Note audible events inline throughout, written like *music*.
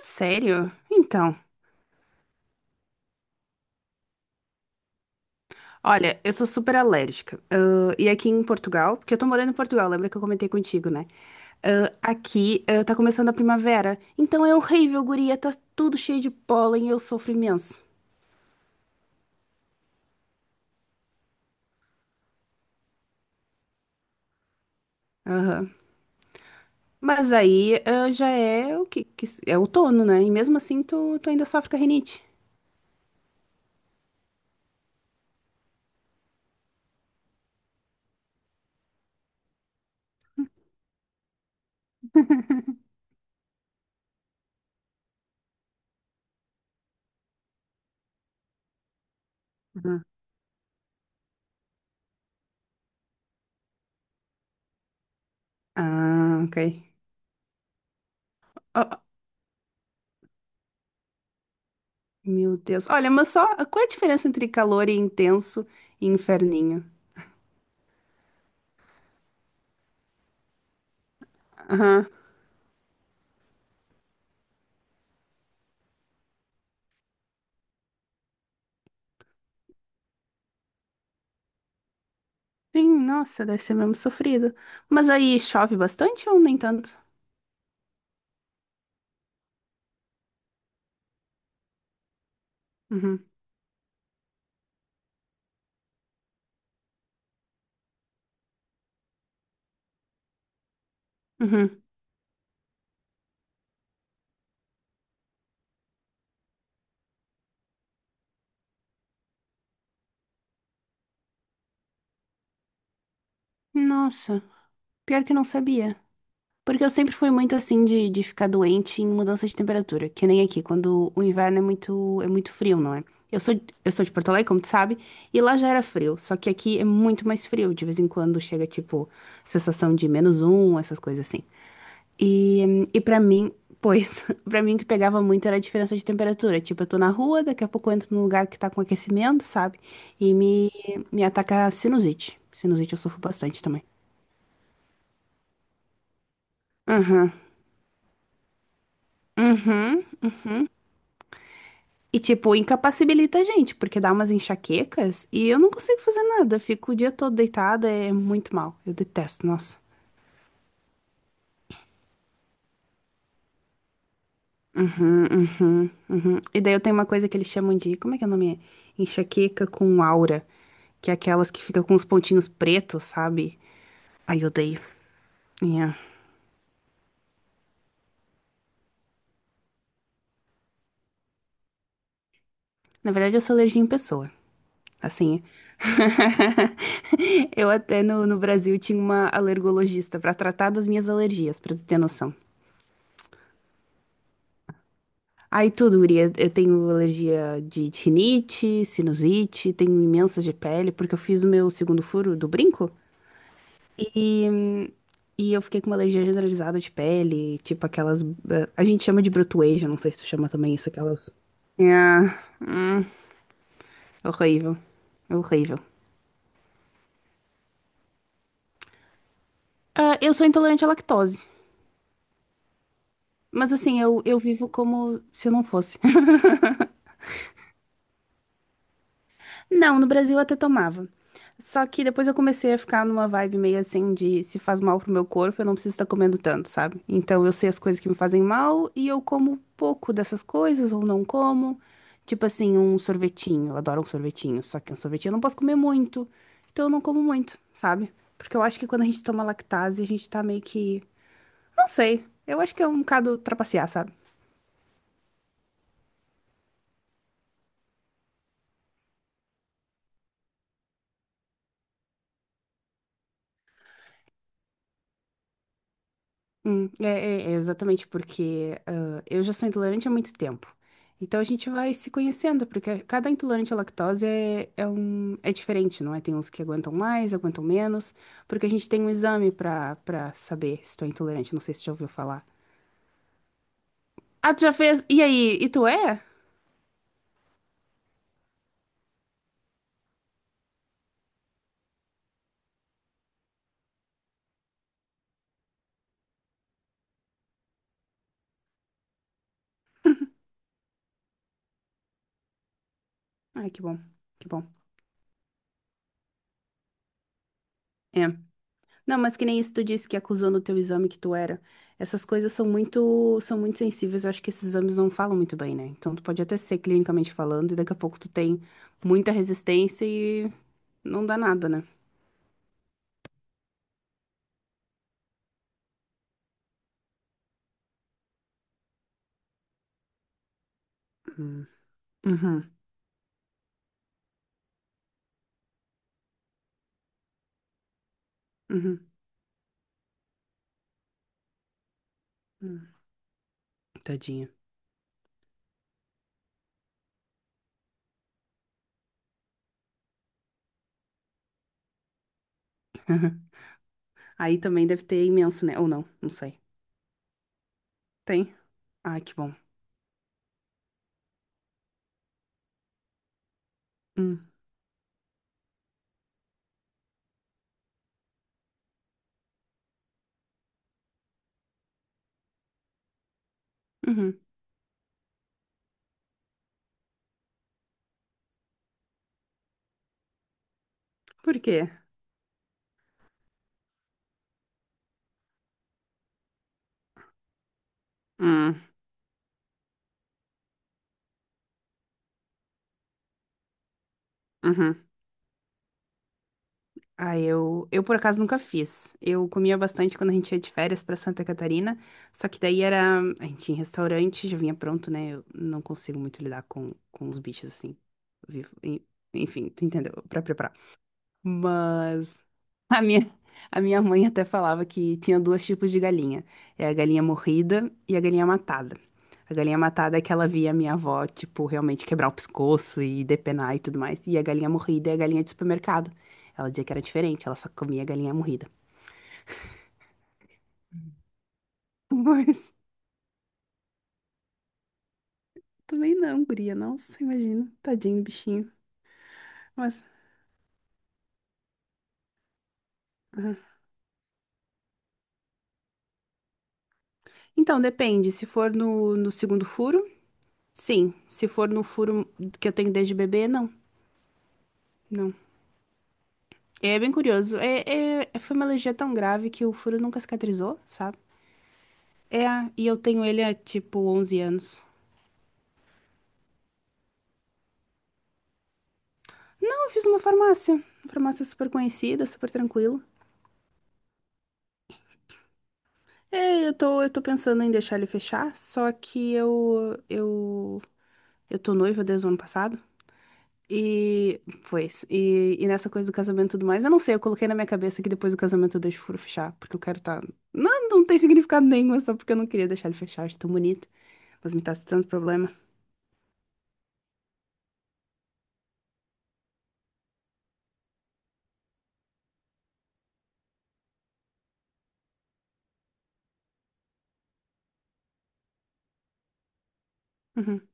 Sério? Então, olha, eu sou super alérgica. E aqui em Portugal, porque eu tô morando em Portugal, lembra que eu comentei contigo, né? Aqui, tá começando a primavera. Então é horrível, guria, tá tudo cheio de pólen e eu sofro imenso. Aham. Mas aí, já é o que, que é outono, né? E mesmo assim tu ainda sofre com a rinite. Uhum. Ah, ok. Ó, ó, meu Deus. Olha, mas só, qual é a diferença entre calor e intenso e inferninho? Sim, nossa, deve ser mesmo sofrido. Mas aí chove bastante ou nem tanto? Uhum, uhum. Nossa, pior que não sabia. Porque eu sempre fui muito assim de ficar doente em mudança de temperatura, que nem aqui, quando o inverno é muito frio, não é? Eu sou, eu sou de Porto Alegre, como tu sabe, e lá já era frio, só que aqui é muito mais frio. De vez em quando chega, tipo, sensação de -1, essas coisas assim. E para mim, pois, *laughs* pra mim o que pegava muito era a diferença de temperatura. Tipo, eu tô na rua, daqui a pouco eu entro num lugar que tá com aquecimento, sabe? E me ataca a sinusite. Sinusite eu sofro bastante também. Uhum, uhum. E, tipo, incapacibilita a gente, porque dá umas enxaquecas e eu não consigo fazer nada. Eu fico o dia todo deitada, é muito mal. Eu detesto, nossa. Uhum, uhum, uhum. E daí eu tenho uma coisa que eles chamam de, como é que é o nome? Enxaqueca com aura, que é aquelas que ficam com os pontinhos pretos, sabe? Ai, eu odeio. É. Na verdade, eu sou alergia em pessoa, assim. *laughs* Eu até no Brasil tinha uma alergologista pra tratar das minhas alergias, pra tu ter noção. Aí tudo, guria. Eu tenho alergia de rinite, sinusite, tenho imensas de pele, porque eu fiz o meu segundo furo do brinco. E, e eu fiquei com uma alergia generalizada de pele, tipo aquelas. A gente chama de brotoeja, não sei se tu chama também isso, aquelas. Ah, horrível. Horrível. Ah, eu sou intolerante à lactose, mas assim, eu vivo como se eu não fosse. Não, no Brasil eu até tomava. Só que depois eu comecei a ficar numa vibe meio assim de se faz mal pro meu corpo, eu não preciso estar comendo tanto, sabe? Então eu sei as coisas que me fazem mal e eu como pouco dessas coisas ou não como. Tipo assim, um sorvetinho, eu adoro um sorvetinho, só que um sorvetinho eu não posso comer muito, então eu não como muito, sabe? Porque eu acho que quando a gente toma lactase, a gente tá meio que, não sei, eu acho que é um bocado trapacear, sabe? É exatamente porque eu já sou intolerante há muito tempo. Então a gente vai se conhecendo, porque cada intolerante à lactose é diferente, não é? Tem uns que aguentam mais, aguentam menos, porque a gente tem um exame pra saber se tu é intolerante. Não sei se tu já ouviu falar. Ah, tu já fez? E aí? E tu é? Ai, que bom, que bom. É. Não, mas que nem isso tu disse que acusou no teu exame que tu era. Essas coisas são muito sensíveis. Eu acho que esses exames não falam muito bem, né? Então tu pode até ser clinicamente falando e daqui a pouco tu tem muita resistência e não dá nada, né? Hum. Uhum. Uhum. Uhum. Tadinha. *laughs* Uhum. Aí também deve ter imenso, né? Ou não, não sei. Tem? Ai, que bom. Hum. Uhum. Por quê? Hum. Uhum. Ah, eu por acaso nunca fiz. Eu comia bastante quando a gente ia de férias pra Santa Catarina, só que daí era, a gente ia em restaurante, já vinha pronto, né? Eu não consigo muito lidar com os bichos assim, vivo. Enfim, tu entendeu? Pra preparar. Mas a minha, a minha mãe até falava que tinha dois tipos de galinha. É a galinha morrida e a galinha matada. A galinha matada é que ela via a minha avó, tipo, realmente quebrar o pescoço e depenar e tudo mais. E a galinha morrida é a galinha de supermercado. Ela dizia que era diferente, ela só comia galinha morrida. *laughs* Mas também não, guria. Nossa, imagina. Tadinho do bichinho. Mas. Aham. Então, depende. Se for no segundo furo, sim. Se for no furo que eu tenho desde bebê, não. Não. É bem curioso. É, é- foi uma alergia tão grave que o furo nunca cicatrizou, sabe? É, e eu tenho ele há tipo 11 anos. Então, eu fiz uma farmácia. Uma farmácia super conhecida, super tranquila. É, eu tô pensando em deixar ele fechar, só que eu tô noiva desde o ano passado. E, pois, e nessa coisa do casamento e tudo mais, eu não sei, eu coloquei na minha cabeça que depois do casamento eu deixo o furo fechar, porque eu quero tá... Não, não tem significado nenhum, é só porque eu não queria deixar ele fechar, acho tão bonito, mas me tá dando problema. Uhum.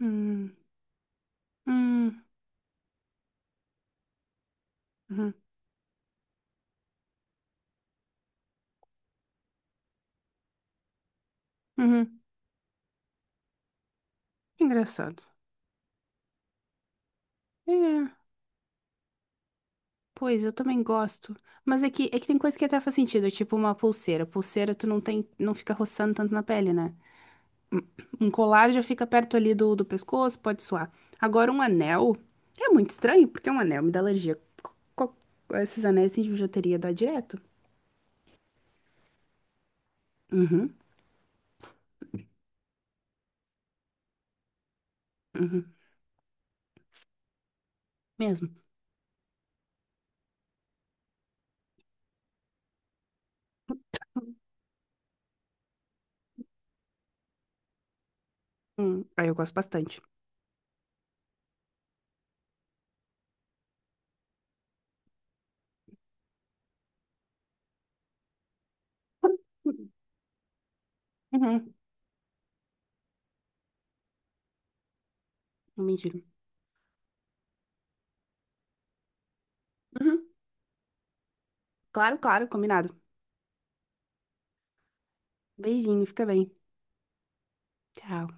Hum, hum, uhum, uhum. Engraçado. É, pois eu também gosto. Mas é que tem coisa que até faz sentido, tipo uma pulseira. Pulseira tu não tem, não fica roçando tanto na pele, né? Um colar já fica perto ali do, do pescoço, pode suar. Agora um anel é muito estranho, porque um anel me dá alergia. Co- co- Esses anéis assim, de bijuteria dá direto. Uhum, uhum, mesmo. Aí eu gosto bastante. Uhum, não mentira. Uhum, claro, claro, combinado. Beijinho, fica bem. Tchau.